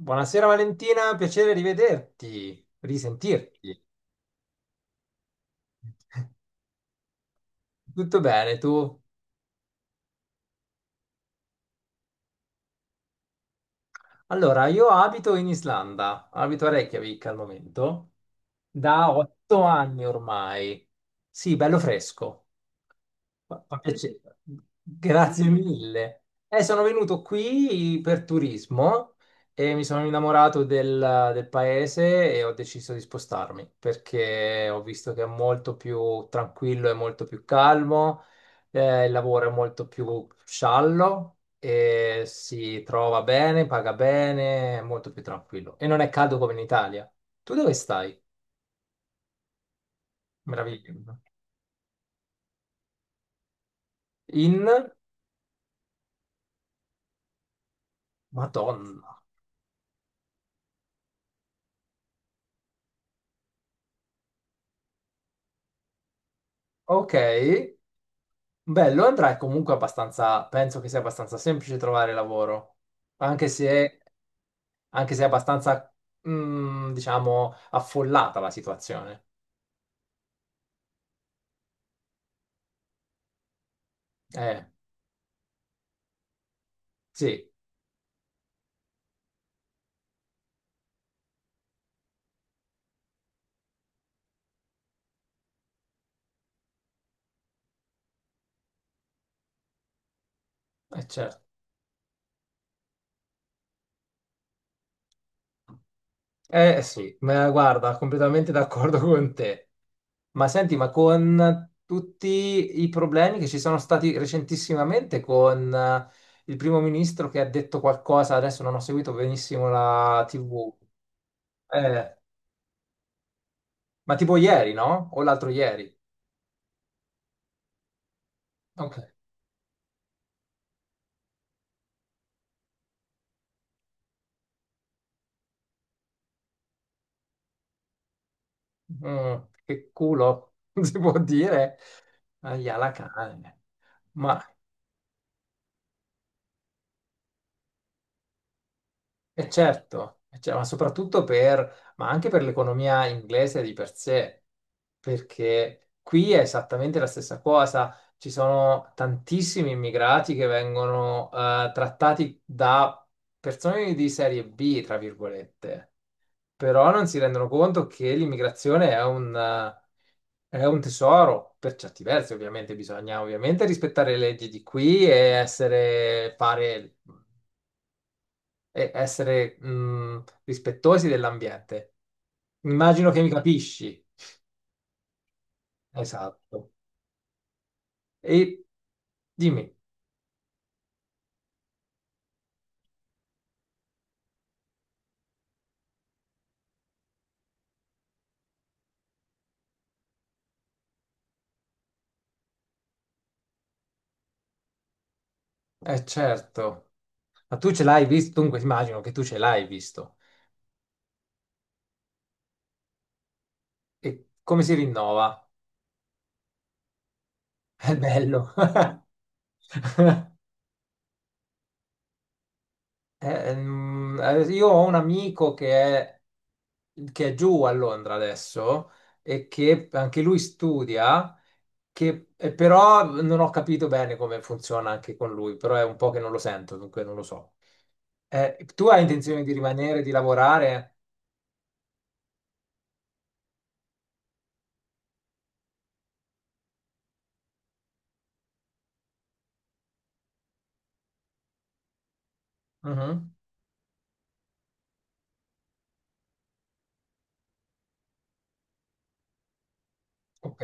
Buonasera Valentina, piacere rivederti, risentirti. Tutto bene, tu? Allora, io abito in Islanda, abito a Reykjavik al momento, da otto anni ormai. Sì, bello fresco. Fa piacere. Grazie mille. Sono venuto qui per turismo e mi sono innamorato del paese e ho deciso di spostarmi perché ho visto che è molto più tranquillo e molto più calmo, il lavoro è molto più sciallo e si trova bene, paga bene, è molto più tranquillo e non è caldo come in Italia. Tu dove stai? Meraviglioso. In Madonna. Ok. Beh, Londra è comunque abbastanza, penso che sia abbastanza semplice trovare lavoro, anche se, anche se è abbastanza, diciamo, affollata la situazione. Eh, sì, è certo. Eh sì, ma guarda, completamente d'accordo con te. Ma senti, ma con tutti i problemi che ci sono stati recentissimamente con il primo ministro che ha detto qualcosa, adesso non ho seguito benissimo la TV, eh, ma tipo ieri, no? O l'altro ieri. Ok. Mm, che culo, si può dire, ahia la cane. Ma è certo, e cioè, ma soprattutto per, ma anche per l'economia inglese di per sé, perché qui è esattamente la stessa cosa. Ci sono tantissimi immigrati che vengono trattati da persone di serie B, tra virgolette. Però non si rendono conto che l'immigrazione è è un tesoro, per certi versi ovviamente bisogna ovviamente rispettare le leggi di qui e essere, fare, e essere rispettosi dell'ambiente. Immagino che mi capisci. Esatto. E dimmi, eh certo, ma tu ce l'hai visto? Dunque immagino che tu ce l'hai visto. E come si rinnova? È bello. Io ho un amico è, che è giù a Londra adesso e che anche lui studia, però non ho capito bene come funziona anche con lui, però è un po' che non lo sento, dunque non lo so. Tu hai intenzione di rimanere, di lavorare? Mhm. Ok.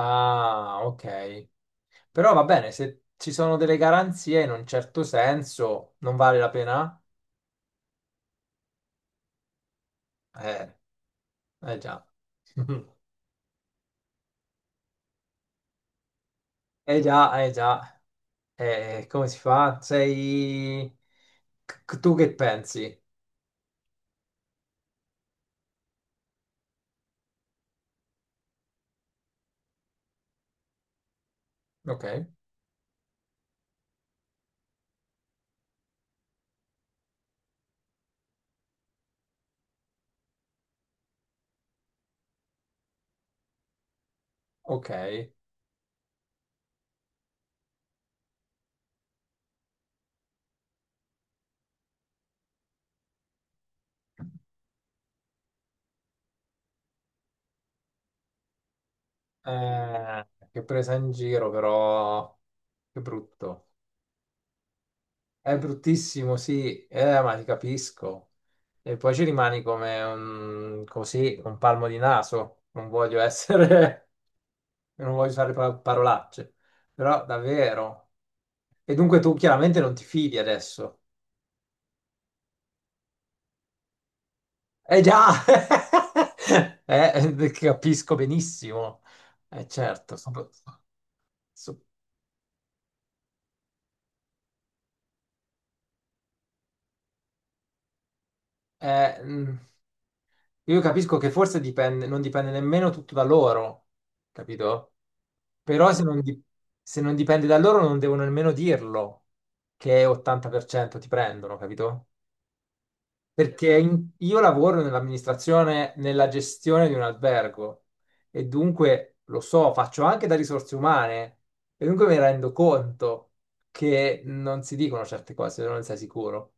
Ah, ok. Però va bene, se ci sono delle garanzie in un certo senso, non vale la pena? Eh, eh già. Eh già, eh già. Come si fa? Sei... Tu che pensi? Ok, ok. Che presa in giro, però... Che brutto. È bruttissimo, sì. Ma ti capisco. E poi ci rimani come un... così, un palmo di naso. Non voglio essere... Non voglio usare parolacce. Però, davvero. E dunque tu chiaramente non ti fidi adesso. Eh già, capisco benissimo, certo. So- eh, mm, io capisco che forse dipende, non dipende nemmeno tutto da loro, capito? Però se non dipende da loro non devono nemmeno dirlo che 80% ti prendono, capito? Perché io lavoro nell'amministrazione, nella gestione di un albergo e dunque lo so, faccio anche da risorse umane e dunque mi rendo conto che non si dicono certe cose se non ne sei sicuro.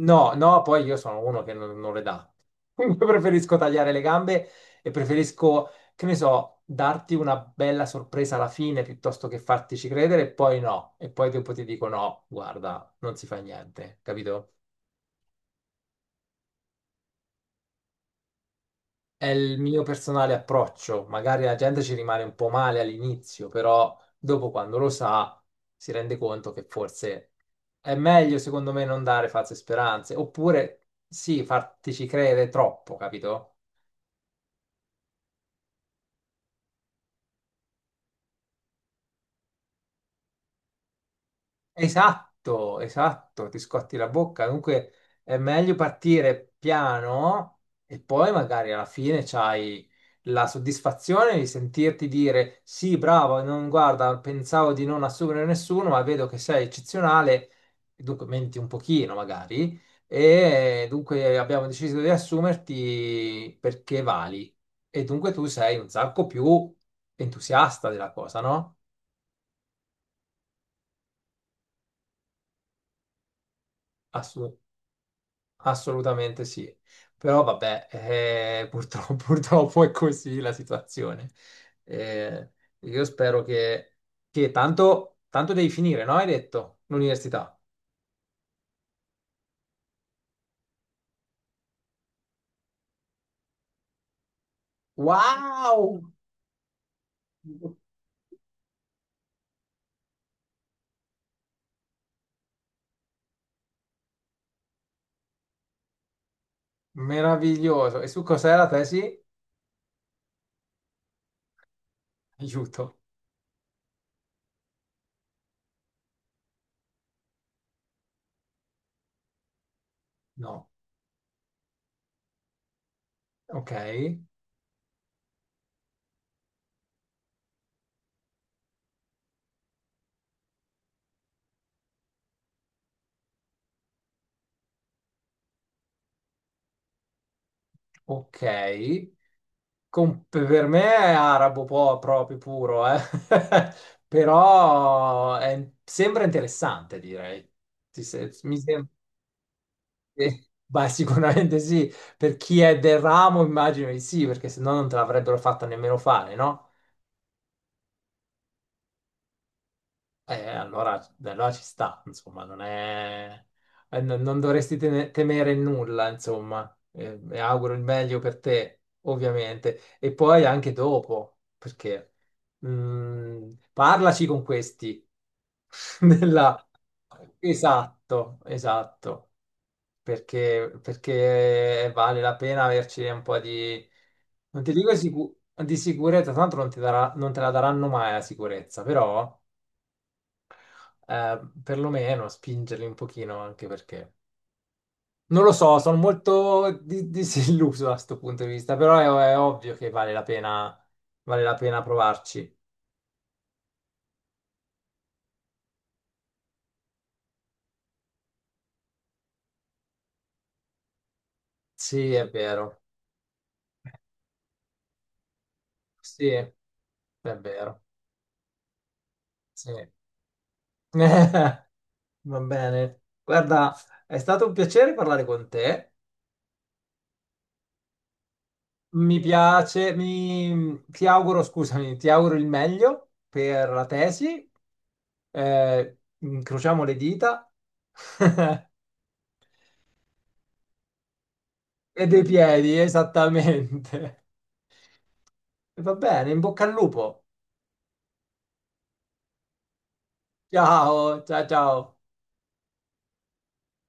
No, no, poi io sono uno che non le dà. Dunque preferisco tagliare le gambe e preferisco, che ne so, darti una bella sorpresa alla fine piuttosto che fartici credere e poi no. E poi dopo ti dico no, guarda, non si fa niente, capito? È il mio personale approccio. Magari la gente ci rimane un po' male all'inizio, però dopo quando lo sa si rende conto che forse è meglio, secondo me, non dare false speranze. Oppure sì, fartici credere troppo, capito? Esatto, esatto, ti scotti la bocca. Dunque è meglio partire piano e poi magari alla fine c'hai la soddisfazione di sentirti dire sì, bravo, non, guarda, pensavo di non assumere nessuno, ma vedo che sei eccezionale, dunque menti un pochino magari, e dunque abbiamo deciso di assumerti perché vali. E dunque tu sei un sacco più entusiasta della cosa, no? Assolutamente. Assolutamente sì, però vabbè, purtroppo, purtroppo è così la situazione. Eh, io spero che, che tanto, tanto devi finire, no? Hai detto l'università. Wow! Meraviglioso. E su cos'è la tesi? Aiuto. No. Ok. Ok. Per me è arabo proprio puro, eh. Però sembra interessante, direi. Ti se- Mi sembra beh, sicuramente sì. Per chi è del ramo, immagino di sì, perché se no non te l'avrebbero fatta nemmeno fare, no? Allora, allora ci sta, insomma, non è... non dovresti temere nulla, insomma. E auguro il meglio per te, ovviamente. E poi anche dopo, perché parlaci con questi. Nella- esatto, esatto. Perché, perché vale la pena averci un po' di... Non ti dico di sicurezza, tanto non ti darà- non te la daranno mai la sicurezza, però perlomeno spingerli un pochino anche perché non lo so, sono molto disilluso da questo punto di vista, però è ovvio che vale la pena provarci. Sì, è vero. Sì, è vero. Sì. Va bene. Guarda, è stato un piacere parlare con te. Mi piace, ti auguro, scusami, ti auguro il meglio per la tesi. Eh, incrociamo le dita. E dei piedi, esattamente. E va bene, in bocca al lupo. Ciao, ciao, ciao.